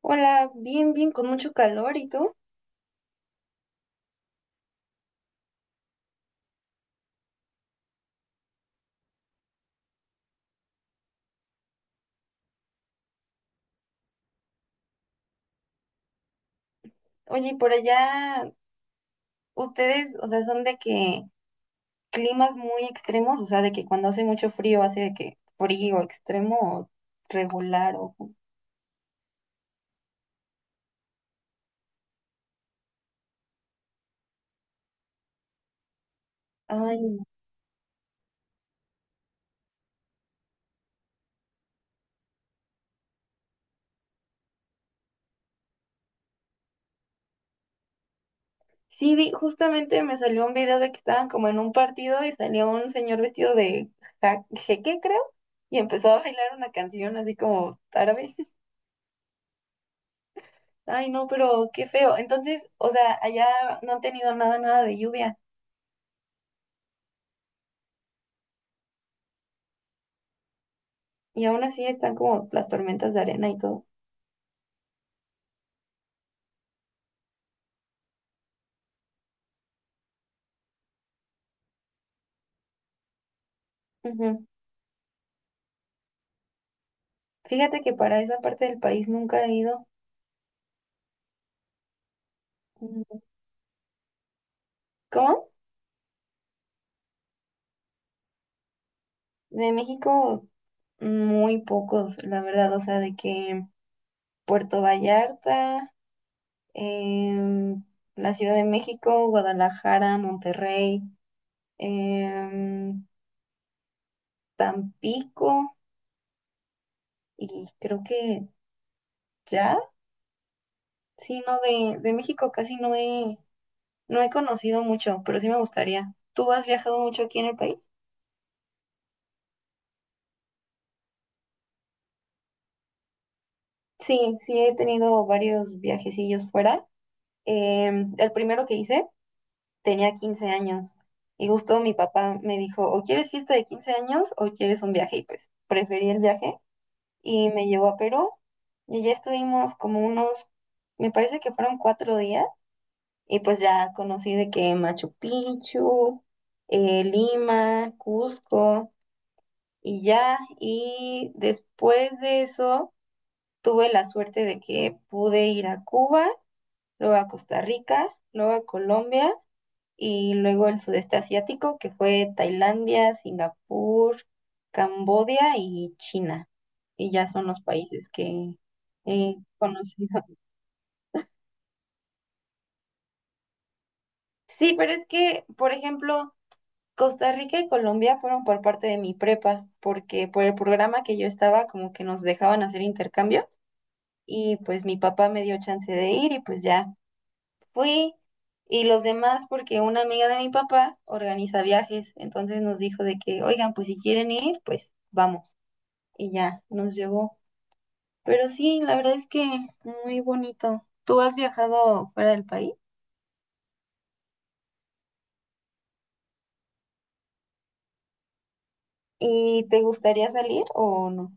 Hola, bien, bien, con mucho calor, ¿y tú? Oye, ¿y por allá ustedes, o sea, son de que climas muy extremos, o sea, de que cuando hace mucho frío hace de que frío extremo o regular o... Ay, no. Sí, vi, justamente me salió un video de que estaban como en un partido y salió un señor vestido de jeque, creo, y empezó a bailar una canción así como tarde. Ay, no, pero qué feo. Entonces, o sea, allá no han tenido nada de lluvia. Y aún así están como las tormentas de arena y todo. Ujú. Fíjate que para esa parte del país nunca he ido. Mm, ¿Cómo? De México, muy pocos, la verdad. O sea, de que Puerto Vallarta, em, la Ciudad de México, Guadalajara, Monterrey, em, Tampico y creo que ya. Sí, no, de México casi no he, no he conocido mucho, pero sí me gustaría. ¿Tú has viajado mucho aquí en el país? Sí, sí he tenido varios viajecillos fuera. El primero que hice tenía 15 años y justo mi papá me dijo, o quieres fiesta de 15 años o quieres un viaje. Y pues preferí el viaje y me llevó a Perú y ya estuvimos como unos, me parece que fueron 4 días y pues ya conocí de que Machu Picchu, Lima, Cusco y ya. Y después de eso tuve la suerte de que pude ir a Cuba, luego a Costa Rica, luego a Colombia y luego el sudeste asiático, que fue Tailandia, Singapur, Camboya y China. Y ya son los países que he conocido. Sí, pero es que, por ejemplo, Costa Rica y Colombia fueron por parte de mi prepa, porque por el programa que yo estaba, como que nos dejaban hacer intercambios y pues mi papá me dio chance de ir y pues ya fui. Y los demás porque una amiga de mi papá organiza viajes, entonces nos dijo de que, oigan, pues si quieren ir, pues vamos. Y ya nos llevó. Pero sí, la verdad es que muy bonito. ¿Tú has viajado fuera del país? ¿Y te gustaría salir o no?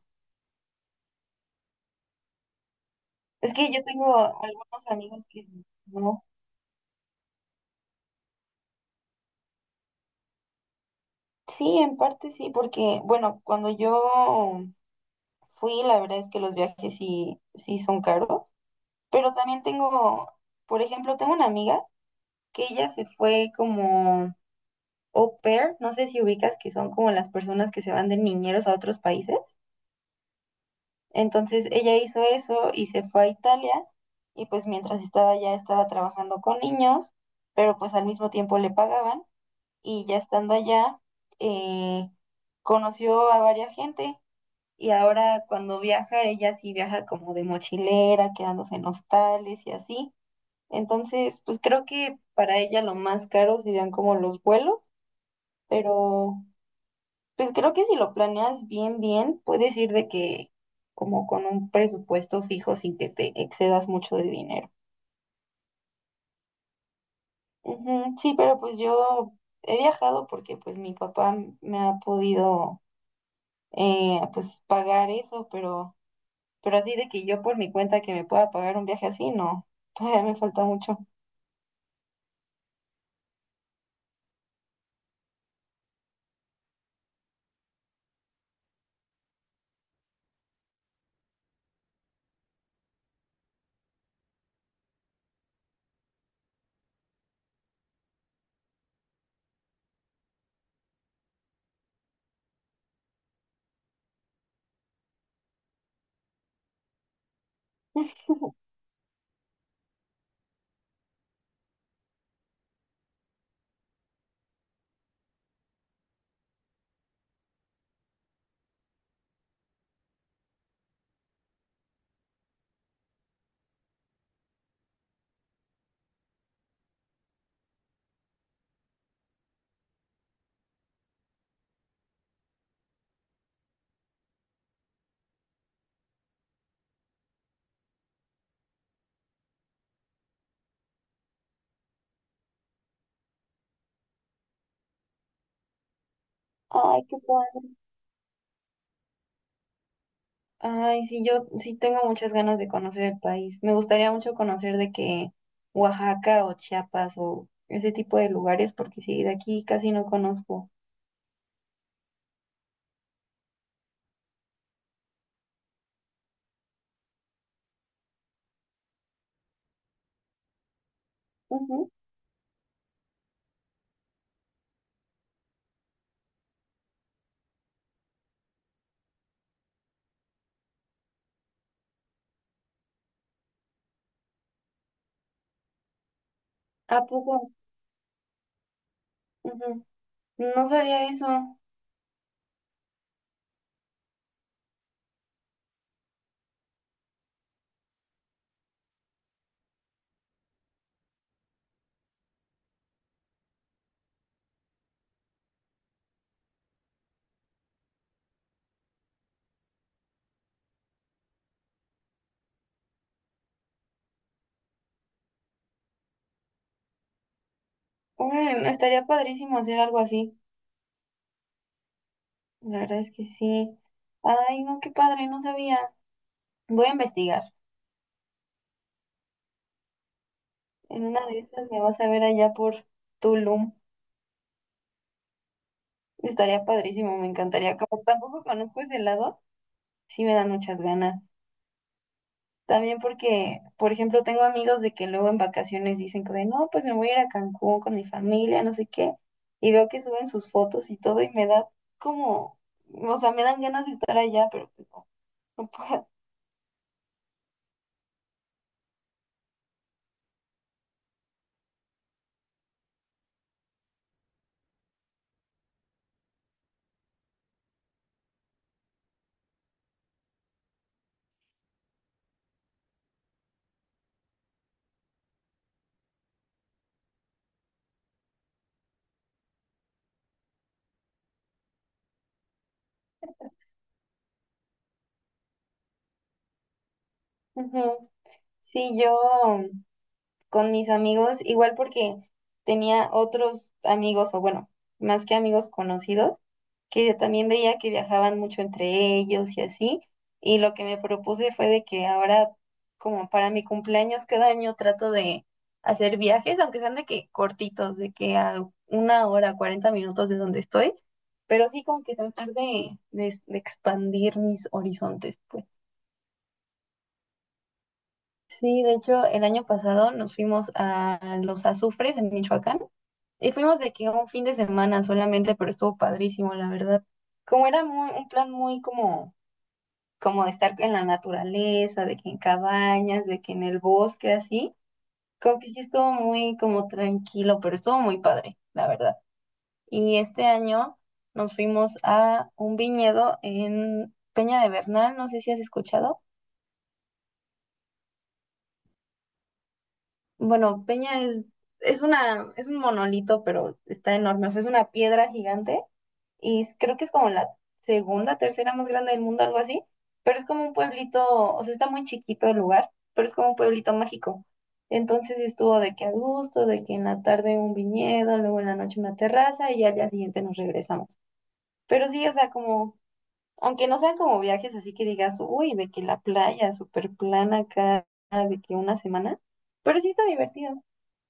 Es que yo tengo algunos amigos que no. Sí, en parte sí, porque, bueno, cuando yo fui, la verdad es que los viajes sí, sí son caros, pero también tengo, por ejemplo, tengo una amiga que ella se fue como au pair, no sé si ubicas que son como las personas que se van de niñeros a otros países. Entonces ella hizo eso y se fue a Italia y pues mientras estaba allá estaba trabajando con niños, pero pues al mismo tiempo le pagaban. Y ya estando allá eh, conoció a varias gente y ahora cuando viaja ella sí viaja como de mochilera, quedándose en hostales y así. Entonces pues creo que para ella lo más caro serían como los vuelos, pero pues creo que si lo planeas bien, puedes ir de que como con un presupuesto fijo sin que te excedas mucho de dinero. Ujú. Sí, pero pues yo he viajado porque pues mi papá me ha podido pues pagar eso, pero así de que yo por mi cuenta que me pueda pagar un viaje así, no, todavía me falta mucho. Ay, qué padre. Ay, sí, yo sí tengo muchas ganas de conocer el país. Me gustaría mucho conocer de que Oaxaca o Chiapas o ese tipo de lugares, porque sí, de aquí casi no conozco. Ujú. ¿A poco? Ujú. No sabía eso. Órale, no, estaría padrísimo hacer algo así. La verdad es que sí. Ay, no, qué padre, no sabía. Voy a investigar. En una de esas me vas a ver allá por Tulum. Estaría padrísimo, me encantaría. Como tampoco conozco ese lado, sí me dan muchas ganas. También porque, por ejemplo, tengo amigos de que luego en vacaciones dicen que de, no, pues me voy a ir a Cancún con mi familia, no sé qué, y veo que suben sus fotos y todo y me da como, o sea, me dan ganas de estar allá, pero pues no, no puedo. Ujú. Sí, yo con mis amigos, igual porque tenía otros amigos, o bueno, más que amigos conocidos que también veía que viajaban mucho entre ellos y así, y lo que me propuse fue de que ahora, como para mi cumpleaños cada año, trato de hacer viajes, aunque sean de que cortitos, de que a una hora, 40 minutos de donde estoy, pero sí como que tratar de expandir mis horizontes, pues. Sí, de hecho, el año pasado nos fuimos a Los Azufres en Michoacán y fuimos de que un fin de semana solamente, pero estuvo padrísimo, la verdad. Como era un plan muy como como de estar en la naturaleza, de que en cabañas, de que en el bosque, así. Como que sí estuvo muy como tranquilo, pero estuvo muy padre, la verdad. Y este año nos fuimos a un viñedo en Peña de Bernal, no sé si has escuchado. Bueno, Peña es una, es un monolito, pero está enorme, o sea, es una piedra gigante y creo que es como la segunda, tercera más grande del mundo, algo así, pero es como un pueblito, o sea, está muy chiquito el lugar, pero es como un pueblito mágico. Entonces estuvo de que a gusto, de que en la tarde un viñedo, luego en la noche una terraza y ya al día siguiente nos regresamos. Pero sí, o sea, como, aunque no sean como viajes así que digas, uy, de que la playa súper plana acá, de que una semana, pero sí está divertido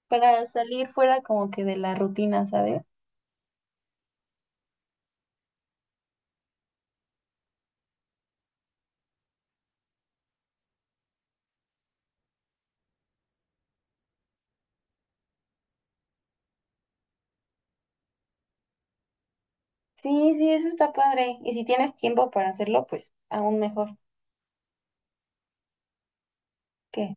para salir fuera como que de la rutina, ¿sabes? Sí, sí, eso está padre. Y si tienes tiempo para hacerlo, pues aún mejor. ¿Qué?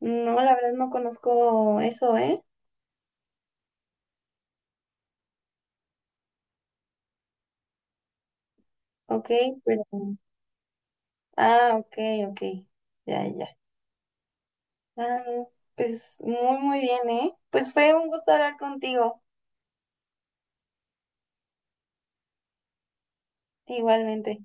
No, la verdad no conozco eso, ¿eh? Ok, pero... Ah, ok, ok. Ya, ya. Ah, pues muy, muy bien, ¿eh? Pues fue un gusto hablar contigo, igualmente.